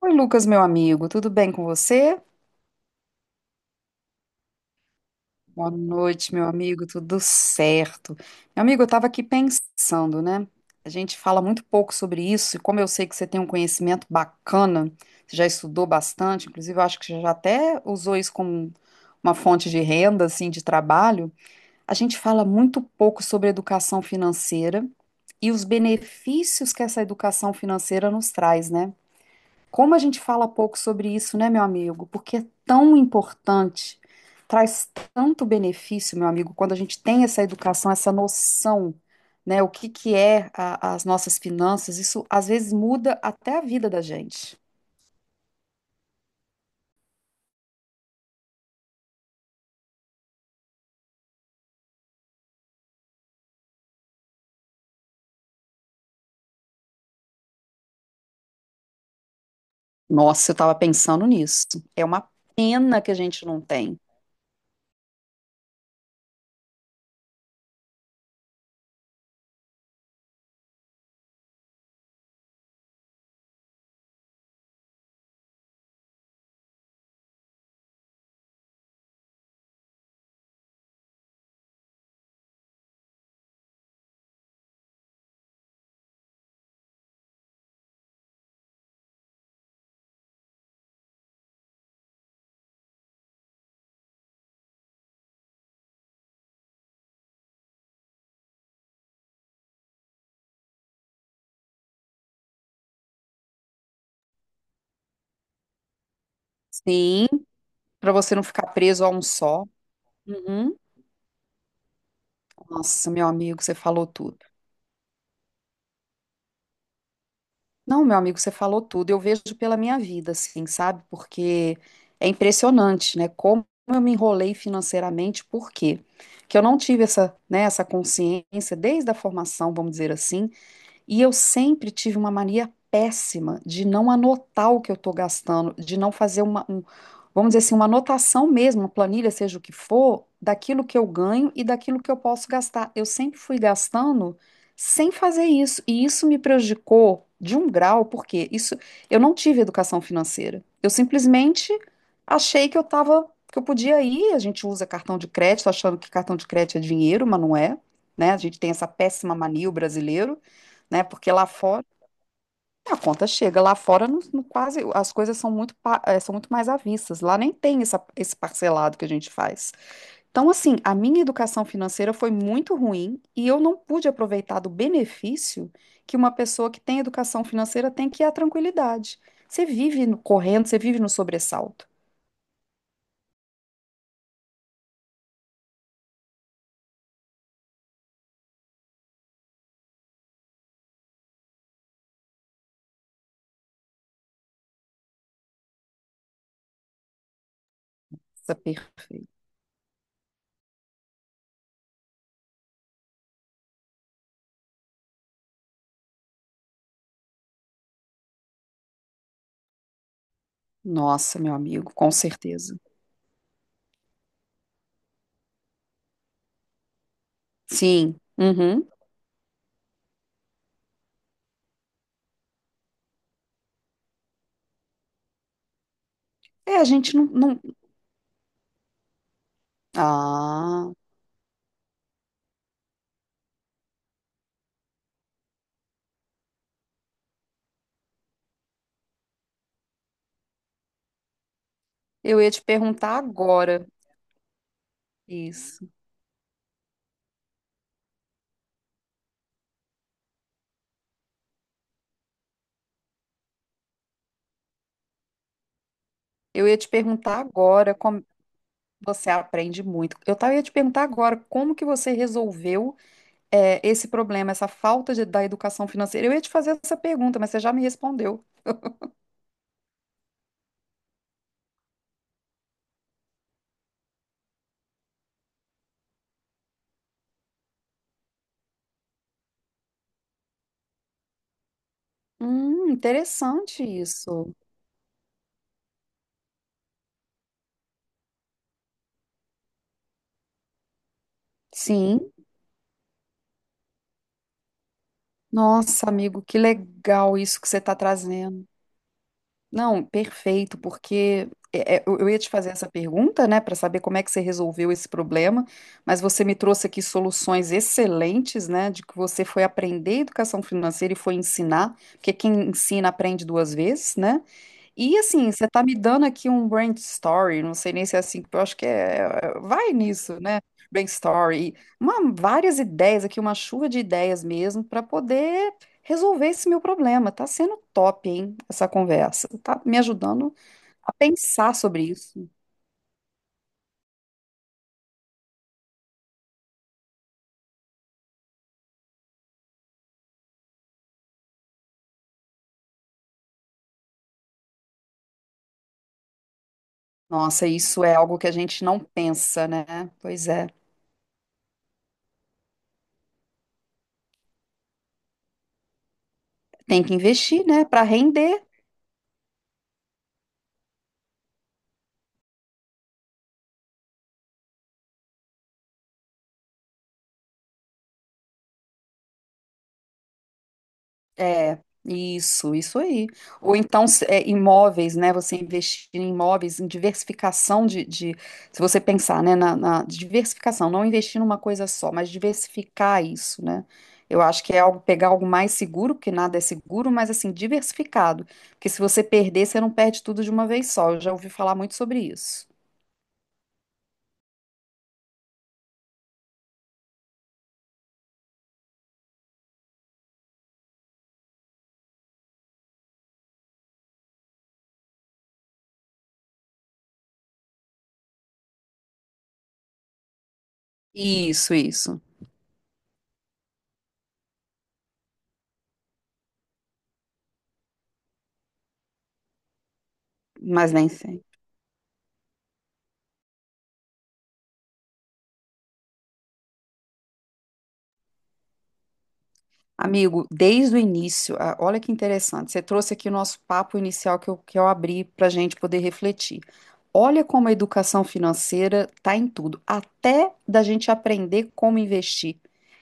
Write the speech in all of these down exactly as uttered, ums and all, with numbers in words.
Oi, Lucas, meu amigo, tudo bem com você? Boa noite, meu amigo, tudo certo. Meu amigo, eu estava aqui pensando, né? A gente fala muito pouco sobre isso, e como eu sei que você tem um conhecimento bacana, você já estudou bastante, inclusive eu acho que você já até usou isso como uma fonte de renda, assim, de trabalho. A gente fala muito pouco sobre educação financeira e os benefícios que essa educação financeira nos traz, né? Como a gente fala pouco sobre isso, né, meu amigo? Porque é tão importante, traz tanto benefício, meu amigo, quando a gente tem essa educação, essa noção, né, o que que é a- as nossas finanças, isso às vezes muda até a vida da gente. Nossa, eu estava pensando nisso. É uma pena que a gente não tem. Sim, para você não ficar preso a um só. Uhum. Nossa, meu amigo, você falou tudo. Não, meu amigo, você falou tudo. Eu vejo pela minha vida, assim, sabe? Porque é impressionante, né? Como eu me enrolei financeiramente, por quê? Porque eu não tive essa, né, essa consciência desde a formação, vamos dizer assim, e eu sempre tive uma mania péssima de não anotar o que eu estou gastando, de não fazer uma, um- vamos dizer assim, uma anotação mesmo, uma planilha, seja o que for, daquilo que eu ganho e daquilo que eu posso gastar. Eu sempre fui gastando sem fazer isso, e isso me prejudicou de um grau, porque isso, eu não tive educação financeira. Eu simplesmente achei que eu estava, que eu podia ir, a gente usa cartão de crédito, achando que cartão de crédito é dinheiro, mas não é. Né? A gente tem essa péssima mania, o brasileiro, né? Porque lá fora a conta chega, lá fora não, não quase, as coisas são muito, pa- eh, são muito mais avissas, lá nem tem essa- esse parcelado que a gente faz. Então, assim, a minha educação financeira foi muito ruim e eu não pude aproveitar do benefício que uma pessoa que tem educação financeira tem, que é a tranquilidade. Você vive no- correndo, você vive no sobressalto. Nossa, perfeito. Nossa, meu amigo, com certeza. Sim. Uhum. É, a gente não, não. Ah, eu ia te perguntar agora isso. Eu ia te perguntar agora como você aprende muito. Eu tava, ia te perguntar agora como que você resolveu, é, esse problema, essa falta de- da educação financeira. Eu ia te fazer essa pergunta, mas você já me respondeu. Hum, interessante isso. Sim. Nossa, amigo, que legal isso que você está trazendo. Não, perfeito, porque é- é, eu eu ia te fazer essa pergunta, né, para saber como é que você resolveu esse problema, mas você me trouxe aqui soluções excelentes, né, de que você foi aprender educação financeira e foi ensinar, porque quem ensina aprende duas vezes, né? E assim, você tá me dando aqui um brain story, não sei nem se é assim, eu acho que é, é, vai nisso, né? Brain story, uma, várias ideias aqui, uma chuva de ideias mesmo para poder resolver esse meu problema. Tá sendo top, hein, essa conversa. Tá me ajudando a pensar sobre isso. Nossa, isso é algo que a gente não pensa, né? Pois é. Tem que investir, né, para render. É, isso, isso aí. Ou então se- é, imóveis, né? Você investir em imóveis, em diversificação de, de- se você pensar, né, na, na diversificação, não investir numa coisa só, mas diversificar isso, né? Eu acho que é algo, pegar algo mais seguro, porque nada é seguro, mas assim, diversificado. Porque se você perder, você não perde tudo de uma vez só. Eu já ouvi falar muito sobre isso. Isso, isso. Mas nem sei. Amigo, desde o início, ah, olha que interessante, você trouxe aqui o nosso papo inicial que eu, que eu abri para a gente poder refletir. Olha como a educação financeira está em tudo, até da gente aprender como investir.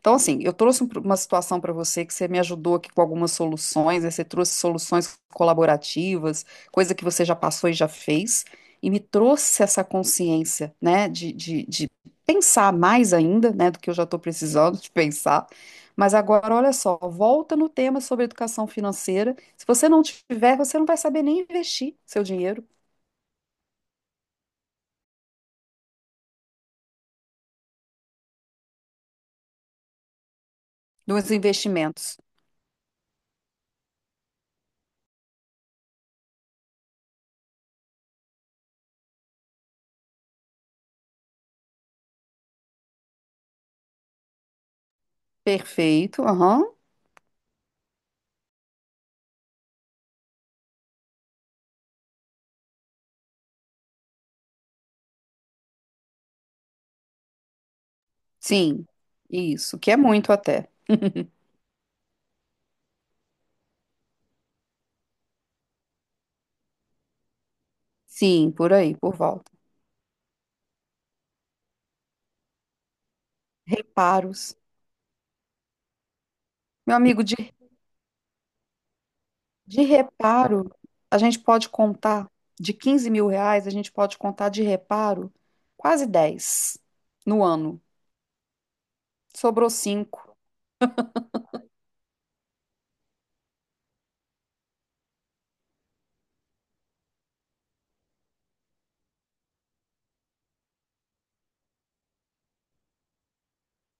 Então, assim, eu trouxe um pro- uma situação para você que você me ajudou aqui com algumas soluções, né. Você trouxe soluções colaborativas, coisa que você já passou e já fez, e me trouxe essa consciência, né, de, de de pensar mais ainda, né, do que eu já estou precisando de pensar. Mas agora, olha só, volta no tema sobre educação financeira. Se você não tiver, você não vai saber nem investir seu dinheiro nos investimentos. Perfeito, aham. Sim, isso, que é muito até. Sim, por aí, por volta. Reparos. Meu amigo, de, de reparo, a gente pode contar de quinze mil reais, a gente pode contar de reparo quase dez no ano. Sobrou cinco.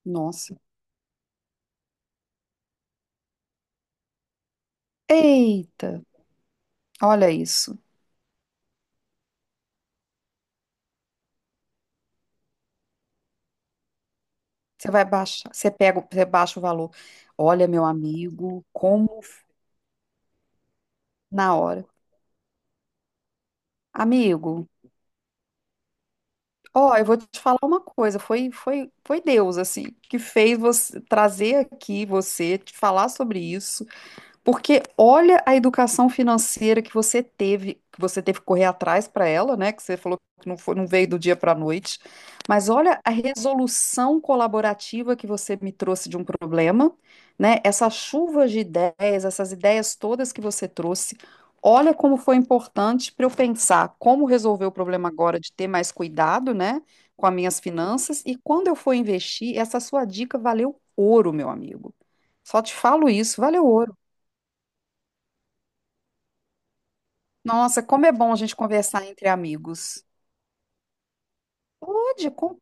Nossa. Eita, olha isso. Você vai baixar, você pega, o- você baixa o valor. Olha, meu amigo, como na hora. Amigo, ó, eu vou te falar uma coisa, foi foi foi Deus assim que fez você trazer aqui, você te falar sobre isso. Porque olha a educação financeira que você teve, que você teve que correr atrás para ela, né? Que você falou que não foi, não veio do dia para a noite. Mas olha a resolução colaborativa que você me trouxe de um problema, né? Essas chuvas de ideias, essas ideias todas que você trouxe. Olha como foi importante para eu pensar como resolver o problema agora de ter mais cuidado, né, com as minhas finanças. E quando eu for investir, essa sua dica valeu ouro, meu amigo. Só te falo isso, valeu ouro. Nossa, como é bom a gente conversar entre amigos. Pode, com,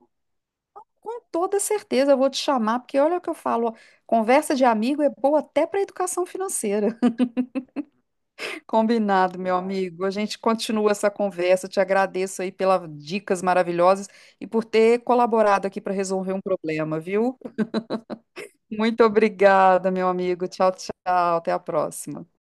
com toda certeza eu vou te chamar, porque olha o que eu falo, ó, conversa de amigo é boa até para educação financeira. Combinado, meu amigo. A gente continua essa conversa. Eu te agradeço aí pelas dicas maravilhosas e por ter colaborado aqui para resolver um problema, viu? Muito obrigada, meu amigo. Tchau, tchau. Até a próxima.